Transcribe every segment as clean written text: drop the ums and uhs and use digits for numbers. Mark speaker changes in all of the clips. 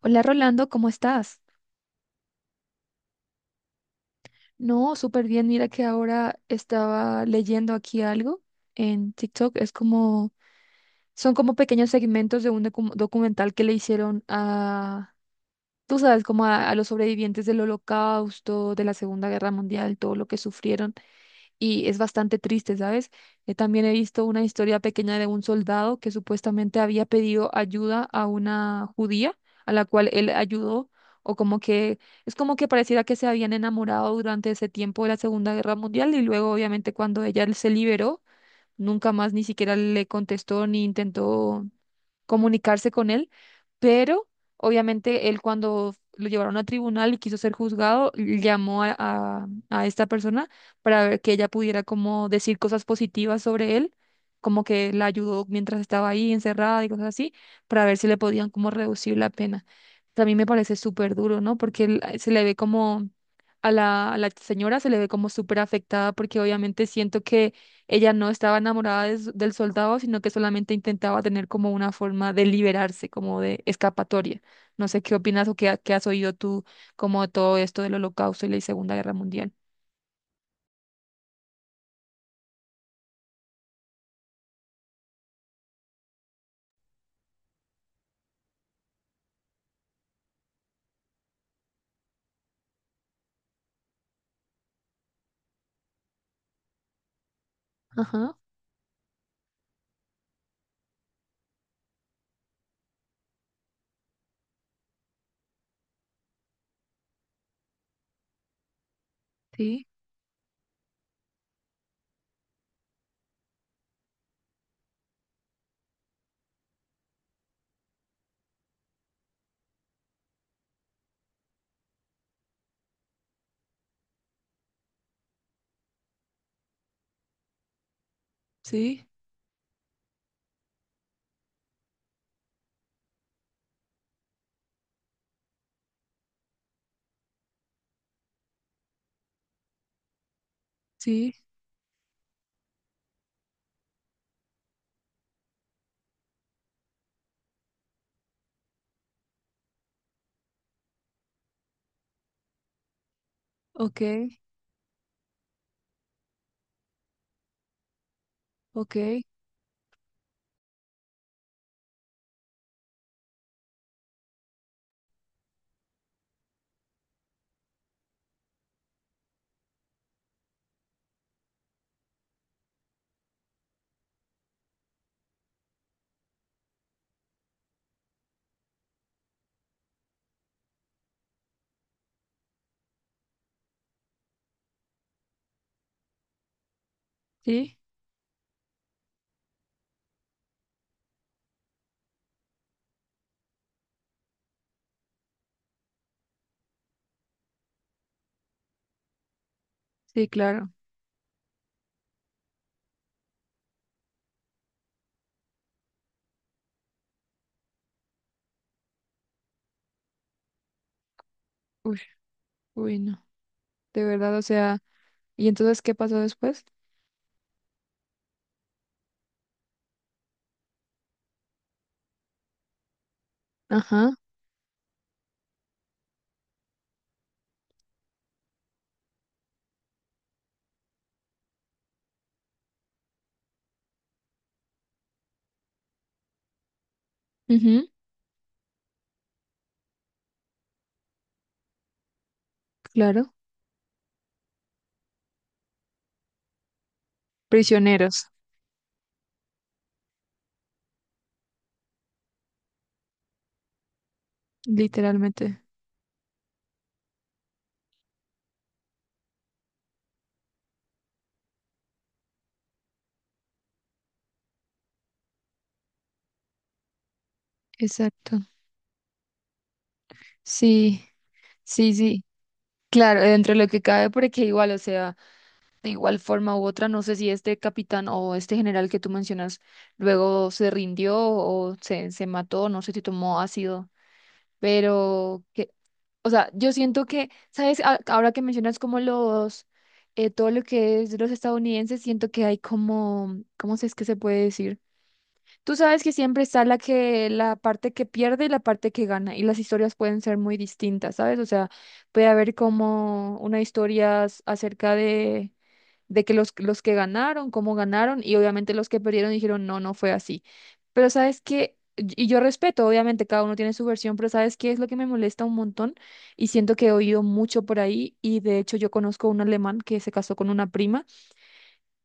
Speaker 1: Hola Rolando, ¿cómo estás? No, súper bien. Mira que ahora estaba leyendo aquí algo en TikTok. Es como, son como pequeños segmentos de un documental que le hicieron a, tú sabes, como a los sobrevivientes del Holocausto, de la Segunda Guerra Mundial, todo lo que sufrieron. Y es bastante triste, ¿sabes? También he visto una historia pequeña de un soldado que supuestamente había pedido ayuda a una judía a la cual él ayudó, o como que es como que pareciera que se habían enamorado durante ese tiempo de la Segunda Guerra Mundial y luego obviamente cuando ella se liberó, nunca más ni siquiera le contestó ni intentó comunicarse con él, pero obviamente él cuando lo llevaron a tribunal y quiso ser juzgado, llamó a esta persona para ver que ella pudiera como decir cosas positivas sobre él, como que la ayudó mientras estaba ahí encerrada y cosas así, para ver si le podían como reducir la pena. También me parece súper duro, ¿no? Porque él, se le ve como... A a la señora se le ve como súper afectada porque obviamente siento que ella no estaba enamorada de del soldado, sino que solamente intentaba tener como una forma de liberarse, como de escapatoria. No sé qué opinas o qué has oído tú como de todo esto del Holocausto y la Segunda Guerra Mundial. Ajá, sí, sí, sí, ok, ok, sí, sí, claro. Uy, uy, no. De verdad, o sea, ¿y entonces qué pasó después? Ajá, ujú, claro, prisioneros, literalmente. Exacto. Sí, sí, sí. Claro, dentro de lo que cabe, porque igual, o sea, de igual forma u otra, no sé si este capitán o este general que tú mencionas luego se rindió o se mató, no sé si tomó ácido, pero que, o sea, yo siento que, ¿sabes? Ahora que mencionas como los, todo lo que es de los estadounidenses, siento que hay como, ¿cómo se es que se puede decir? Tú sabes que siempre está la parte que pierde y la parte que gana, y las historias pueden ser muy distintas, ¿sabes? O sea, puede haber como una acerca de que los que ganaron, cómo ganaron, y obviamente los que perdieron dijeron, no, no fue así. Pero sabes que, y yo respeto, obviamente cada uno tiene su versión, pero sabes qué es lo que me molesta un montón, y siento que he oído mucho por ahí, y de hecho yo conozco un alemán que se casó con una prima,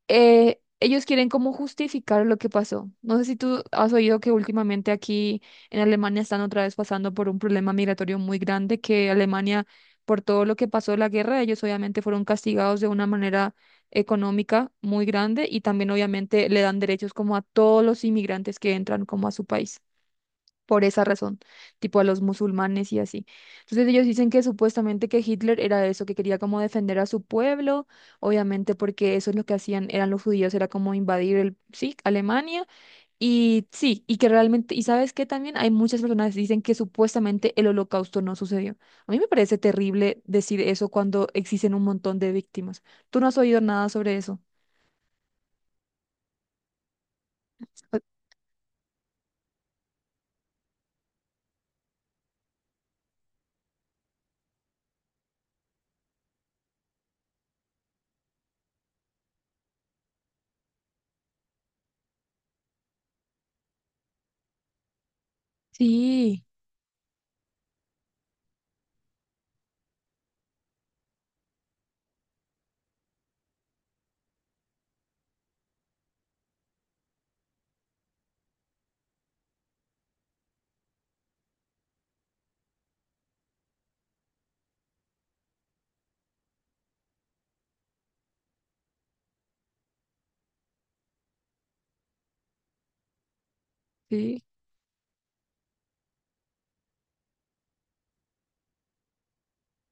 Speaker 1: ellos quieren como justificar lo que pasó. No sé si tú has oído que últimamente aquí en Alemania están otra vez pasando por un problema migratorio muy grande, que Alemania, por todo lo que pasó en la guerra, ellos obviamente fueron castigados de una manera económica muy grande y también obviamente le dan derechos como a todos los inmigrantes que entran como a su país por esa razón, tipo a los musulmanes y así. Entonces ellos dicen que supuestamente que Hitler era eso, que quería como defender a su pueblo, obviamente porque eso es lo que hacían, eran los judíos, era como invadir el, sí, Alemania, y sí, y que realmente, y sabes que también hay muchas personas que dicen que supuestamente el holocausto no sucedió. A mí me parece terrible decir eso cuando existen un montón de víctimas. ¿Tú no has oído nada sobre eso? O- Sí, sí,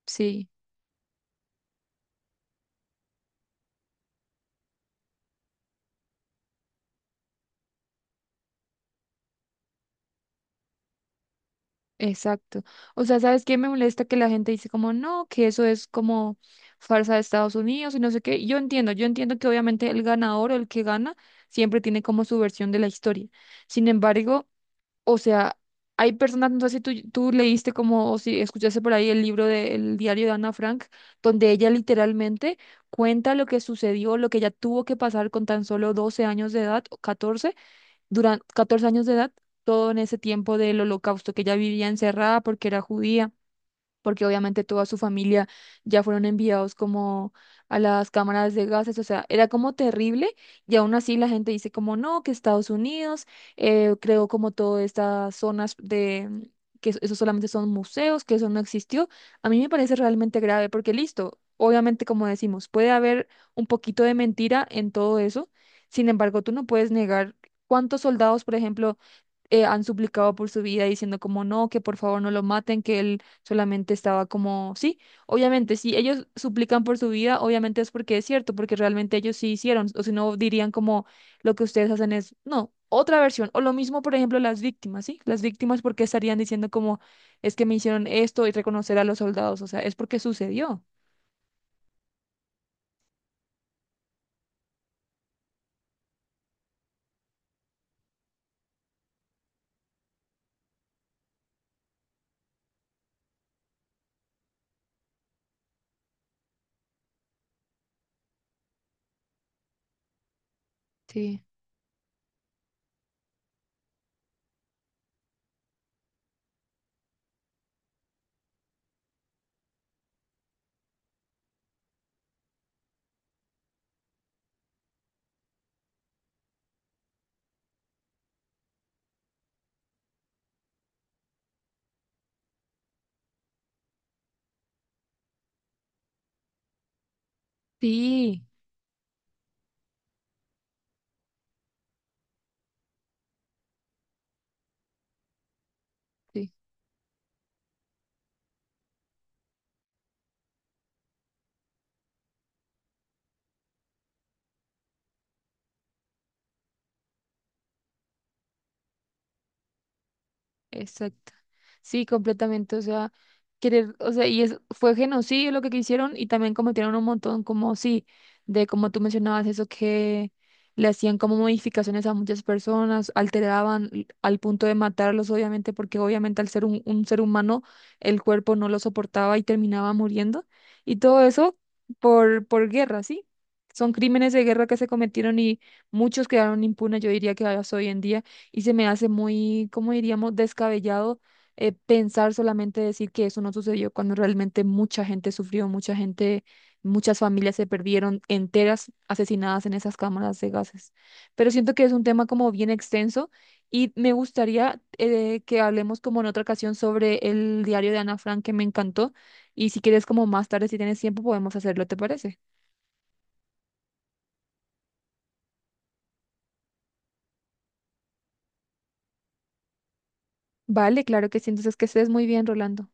Speaker 1: sí. Exacto. O sea, ¿sabes qué me molesta? Que la gente dice como, no, que eso es como farsa de Estados Unidos y no sé qué. Yo entiendo que obviamente el ganador o el que gana siempre tiene como su versión de la historia. Sin embargo, o sea, hay personas, no sé si tú, tú leíste como, o si escuchaste por ahí el libro del diario de Ana Frank, donde ella literalmente cuenta lo que sucedió, lo que ella tuvo que pasar con tan solo 12 años de edad, o 14, durante 14 años de edad, todo en ese tiempo del holocausto, que ella vivía encerrada porque era judía, porque obviamente toda su familia ya fueron enviados como a las cámaras de gases, o sea, era como terrible y aún así la gente dice como no, que Estados Unidos creó como todas estas zonas de que eso solamente son museos, que eso no existió. A mí me parece realmente grave porque listo, obviamente como decimos, puede haber un poquito de mentira en todo eso, sin embargo, tú no puedes negar cuántos soldados, por ejemplo, han suplicado por su vida diciendo como no, que por favor no lo maten, que él solamente estaba como, sí, obviamente, si ellos suplican por su vida, obviamente es porque es cierto, porque realmente ellos sí hicieron, o si no dirían como lo que ustedes hacen es, no, otra versión, o lo mismo, por ejemplo, las víctimas, ¿sí? Las víctimas, porque estarían diciendo como es que me hicieron esto y reconocer a los soldados, o sea, es porque sucedió. Sí, sí, sí. Exacto. Sí, completamente. O sea, querer, o sea, fue genocidio lo que hicieron y también cometieron un montón, como sí, de como tú mencionabas, eso que le hacían como modificaciones a muchas personas, alteraban al punto de matarlos, obviamente, porque obviamente al ser un ser humano, el cuerpo no lo soportaba y terminaba muriendo. Y todo eso por guerra, ¿sí? Son crímenes de guerra que se cometieron y muchos quedaron impunes, yo diría que hasta hoy en día, y se me hace muy, como diríamos?, descabellado, pensar, solamente decir que eso no sucedió cuando realmente mucha gente sufrió, mucha gente, muchas familias se perdieron enteras asesinadas en esas cámaras de gases. Pero siento que es un tema como bien extenso y me gustaría, que hablemos como en otra ocasión sobre el diario de Ana Frank que me encantó, y si quieres como más tarde, si tienes tiempo, podemos hacerlo, ¿te parece? Vale, claro que sí. Entonces que estés muy bien, Rolando.